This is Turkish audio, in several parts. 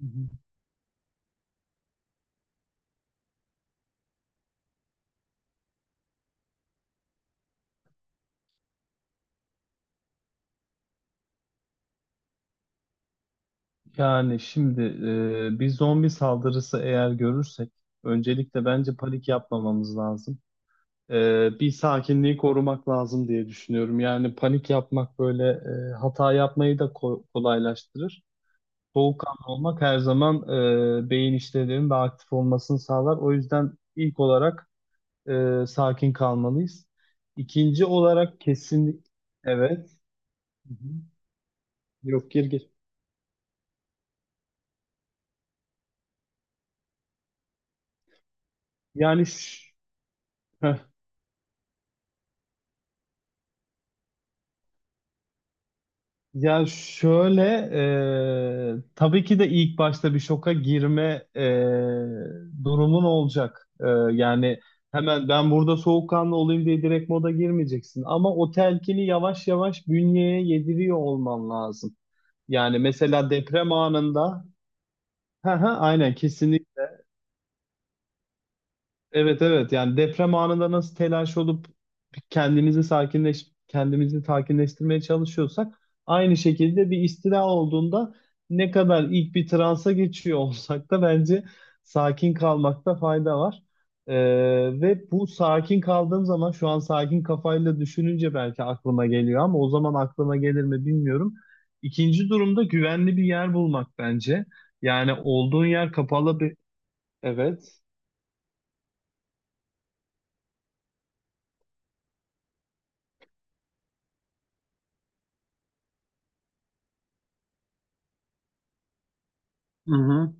Hı hı. Yani şimdi bir zombi saldırısı eğer görürsek öncelikle bence panik yapmamamız lazım. Bir sakinliği korumak lazım diye düşünüyorum. Yani panik yapmak böyle hata yapmayı da kolaylaştırır. Soğukkanlı olmak her zaman beyin işlevlerinin daha aktif olmasını sağlar. O yüzden ilk olarak sakin kalmalıyız. İkinci olarak kesinlik... Evet. Hı hı. Yok, gir gir. Yani... şş- Ya şöyle, tabii ki de ilk başta bir şoka girme e, durumun olacak. Yani hemen ben burada soğukkanlı olayım diye direkt moda girmeyeceksin. Ama o telkini yavaş yavaş bünyeye yediriyor olman lazım. Yani mesela deprem anında, hı hı, aynen kesinlikle. Evet, evet, yani deprem anında nasıl telaş olup kendimizi sakinleştirmeye çalışıyorsak aynı şekilde bir istila olduğunda ne kadar ilk bir transa geçiyor olsak da bence sakin kalmakta fayda var. Ee, Ve bu sakin kaldığım zaman şu an sakin kafayla düşününce belki aklıma geliyor ama o zaman aklıma gelir mi bilmiyorum. İkinci durumda güvenli bir yer bulmak bence. Yani olduğun yer kapalı bir evet. Hı hı.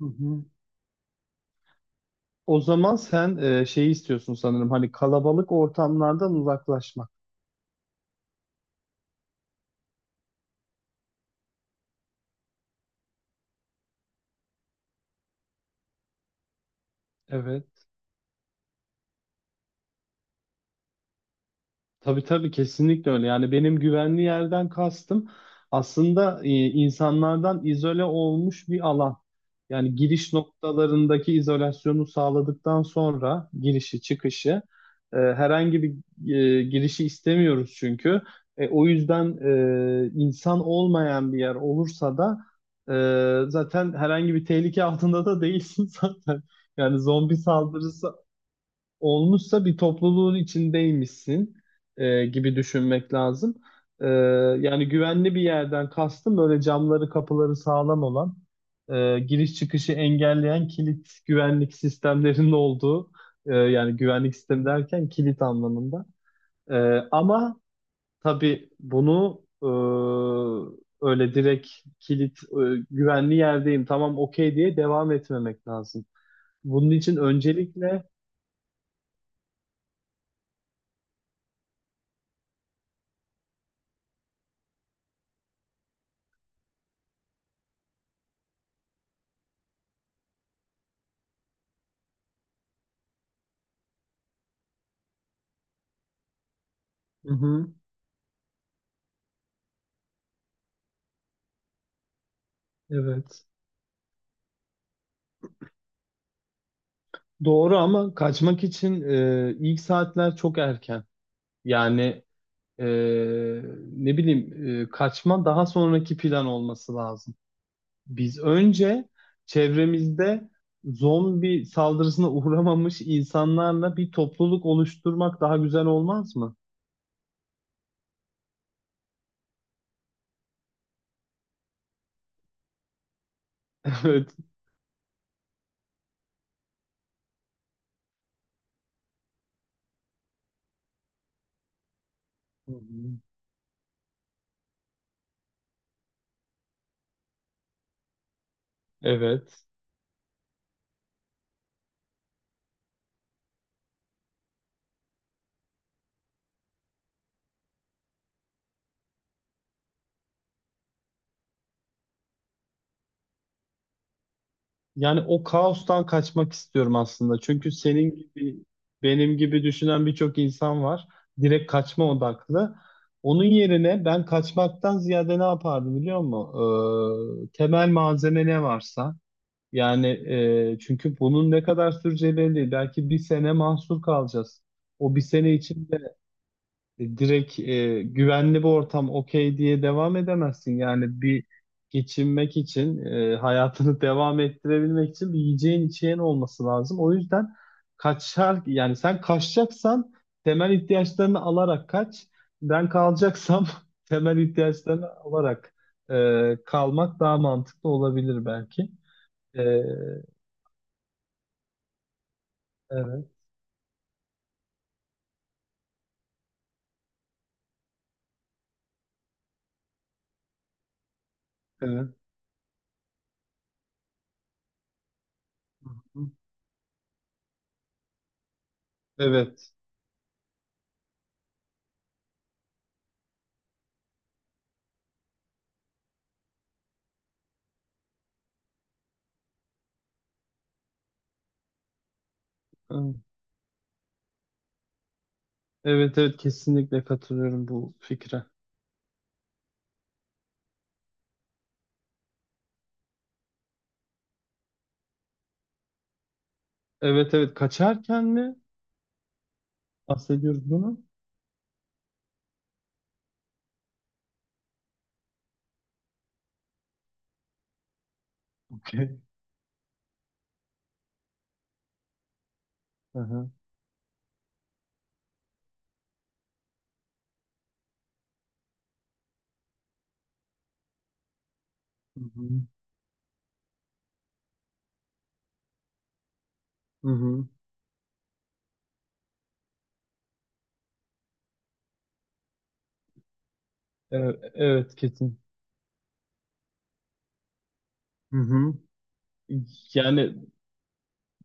Hı hı. O zaman sen şeyi istiyorsun sanırım, hani kalabalık ortamlardan uzaklaşmak. Evet. Tabii tabii, kesinlikle öyle. Yani benim güvenli yerden kastım aslında insanlardan izole olmuş bir alan. Yani giriş noktalarındaki izolasyonu sağladıktan sonra e, herhangi bir girişi istemiyoruz çünkü. O yüzden insan olmayan bir yer olursa da zaten herhangi bir tehlike altında da değilsin zaten. Yani zombi saldırısı olmuşsa bir topluluğun içindeymişsin gibi düşünmek lazım. E, Yani güvenli bir yerden kastım böyle camları kapıları sağlam olan giriş çıkışı engelleyen kilit güvenlik sistemlerinin olduğu yani güvenlik sistemi derken kilit anlamında. E, ama tabii bunu öyle direkt kilit güvenli yerdeyim, tamam, okey diye devam etmemek lazım. Bunun için öncelikle hı hı, evet. Doğru ama kaçmak için ilk saatler çok erken. Yani e, ne bileyim, kaçma daha sonraki plan olması lazım. Biz önce çevremizde zombi saldırısına uğramamış insanlarla bir topluluk oluşturmak daha güzel olmaz mı? Evet. Hı hı. Evet. Yani o kaostan kaçmak istiyorum aslında. Çünkü senin gibi, benim gibi düşünen birçok insan var. Direkt kaçma odaklı. Onun yerine ben kaçmaktan ziyade ne yapardım biliyor musun? Temel malzeme ne varsa. Yani çünkü bunun ne kadar süreceği belli değil. Belki bir sene mahsur kalacağız. O bir sene için direkt güvenli bir ortam okey diye devam edemezsin. Yani bir geçinmek için, hayatını devam ettirebilmek için bir yiyeceğin içeceğin olması lazım. O yüzden kaçar, yani sen kaçacaksan temel ihtiyaçlarını alarak kaç. Ben kalacaksam temel ihtiyaçlarını alarak kalmak daha mantıklı olabilir belki. E, evet, evet. Hı hı. Evet. Hı. Evet, evet, kesinlikle katılıyorum bu fikre. Evet evet, kaçarken mi bahsediyoruz bunu? Okey. Hı hı. Hı hı. Hı hı. Evet, evet, kesin. Hı hı. Yani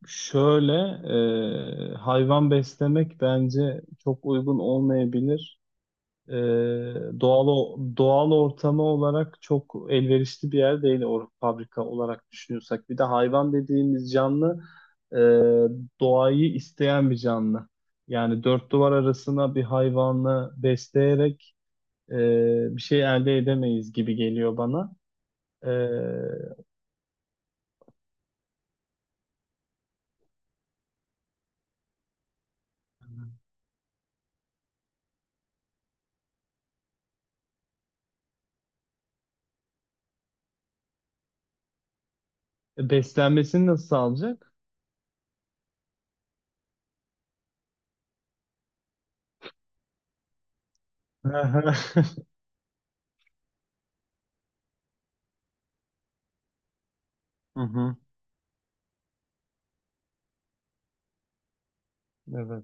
şöyle hayvan beslemek bence çok uygun olmayabilir. E, Doğal doğal ortamı olarak çok elverişli bir yer değil or fabrika olarak düşünüyorsak. Bir de hayvan dediğimiz canlı e, doğayı isteyen bir canlı. Yani dört duvar arasına bir hayvanı besleyerek bir şey elde edemeyiz gibi geliyor bana. E, Beslenmesini nasıl sağlayacak? Hı hı, evet.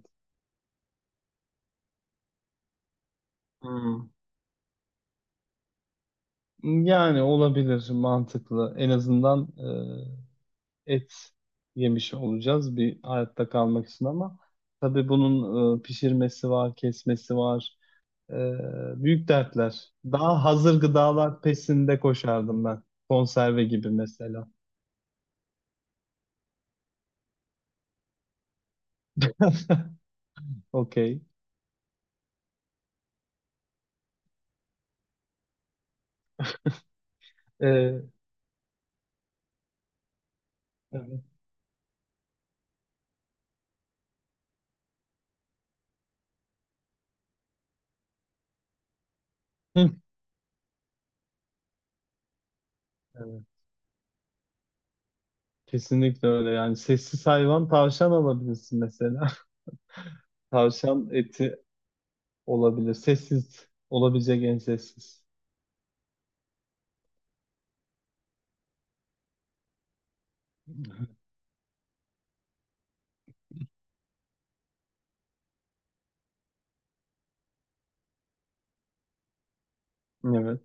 Hmm. Yani olabilir, mantıklı. En azından et yemiş olacağız bir hayatta kalmak için ama tabii bunun pişirmesi var, kesmesi var. E, Büyük dertler. Daha hazır gıdalar pesinde koşardım ben. Konserve gibi mesela. Okey. E, evet. Hı. Evet. Kesinlikle öyle, yani sessiz hayvan, tavşan alabilirsin mesela. Tavşan eti olabilir. Sessiz olabilecek en sessiz. Evet.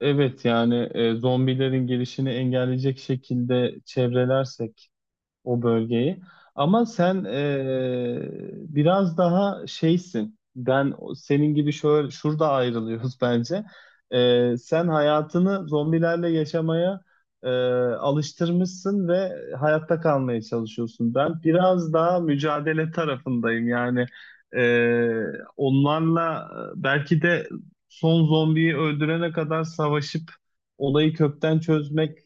Evet, yani zombilerin gelişini engelleyecek şekilde çevrelersek o bölgeyi. Ama sen biraz daha şeysin. Ben senin gibi şöyle şurada ayrılıyoruz bence. Sen hayatını zombilerle yaşamaya eee, alıştırmışsın ve hayatta kalmaya çalışıyorsun. Ben biraz daha mücadele tarafındayım. Yani eee, onlarla belki de son zombiyi öldürene kadar savaşıp olayı kökten çözmek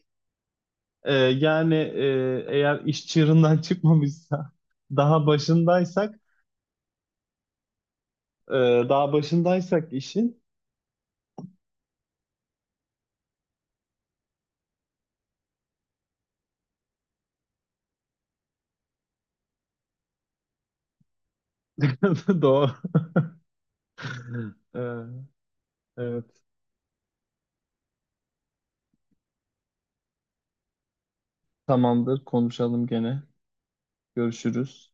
yani, eğer iş çığırından çıkmamışsa daha başındaysak e, daha başındaysak işin doğru. Ee, evet, tamamdır, konuşalım gene. Görüşürüz.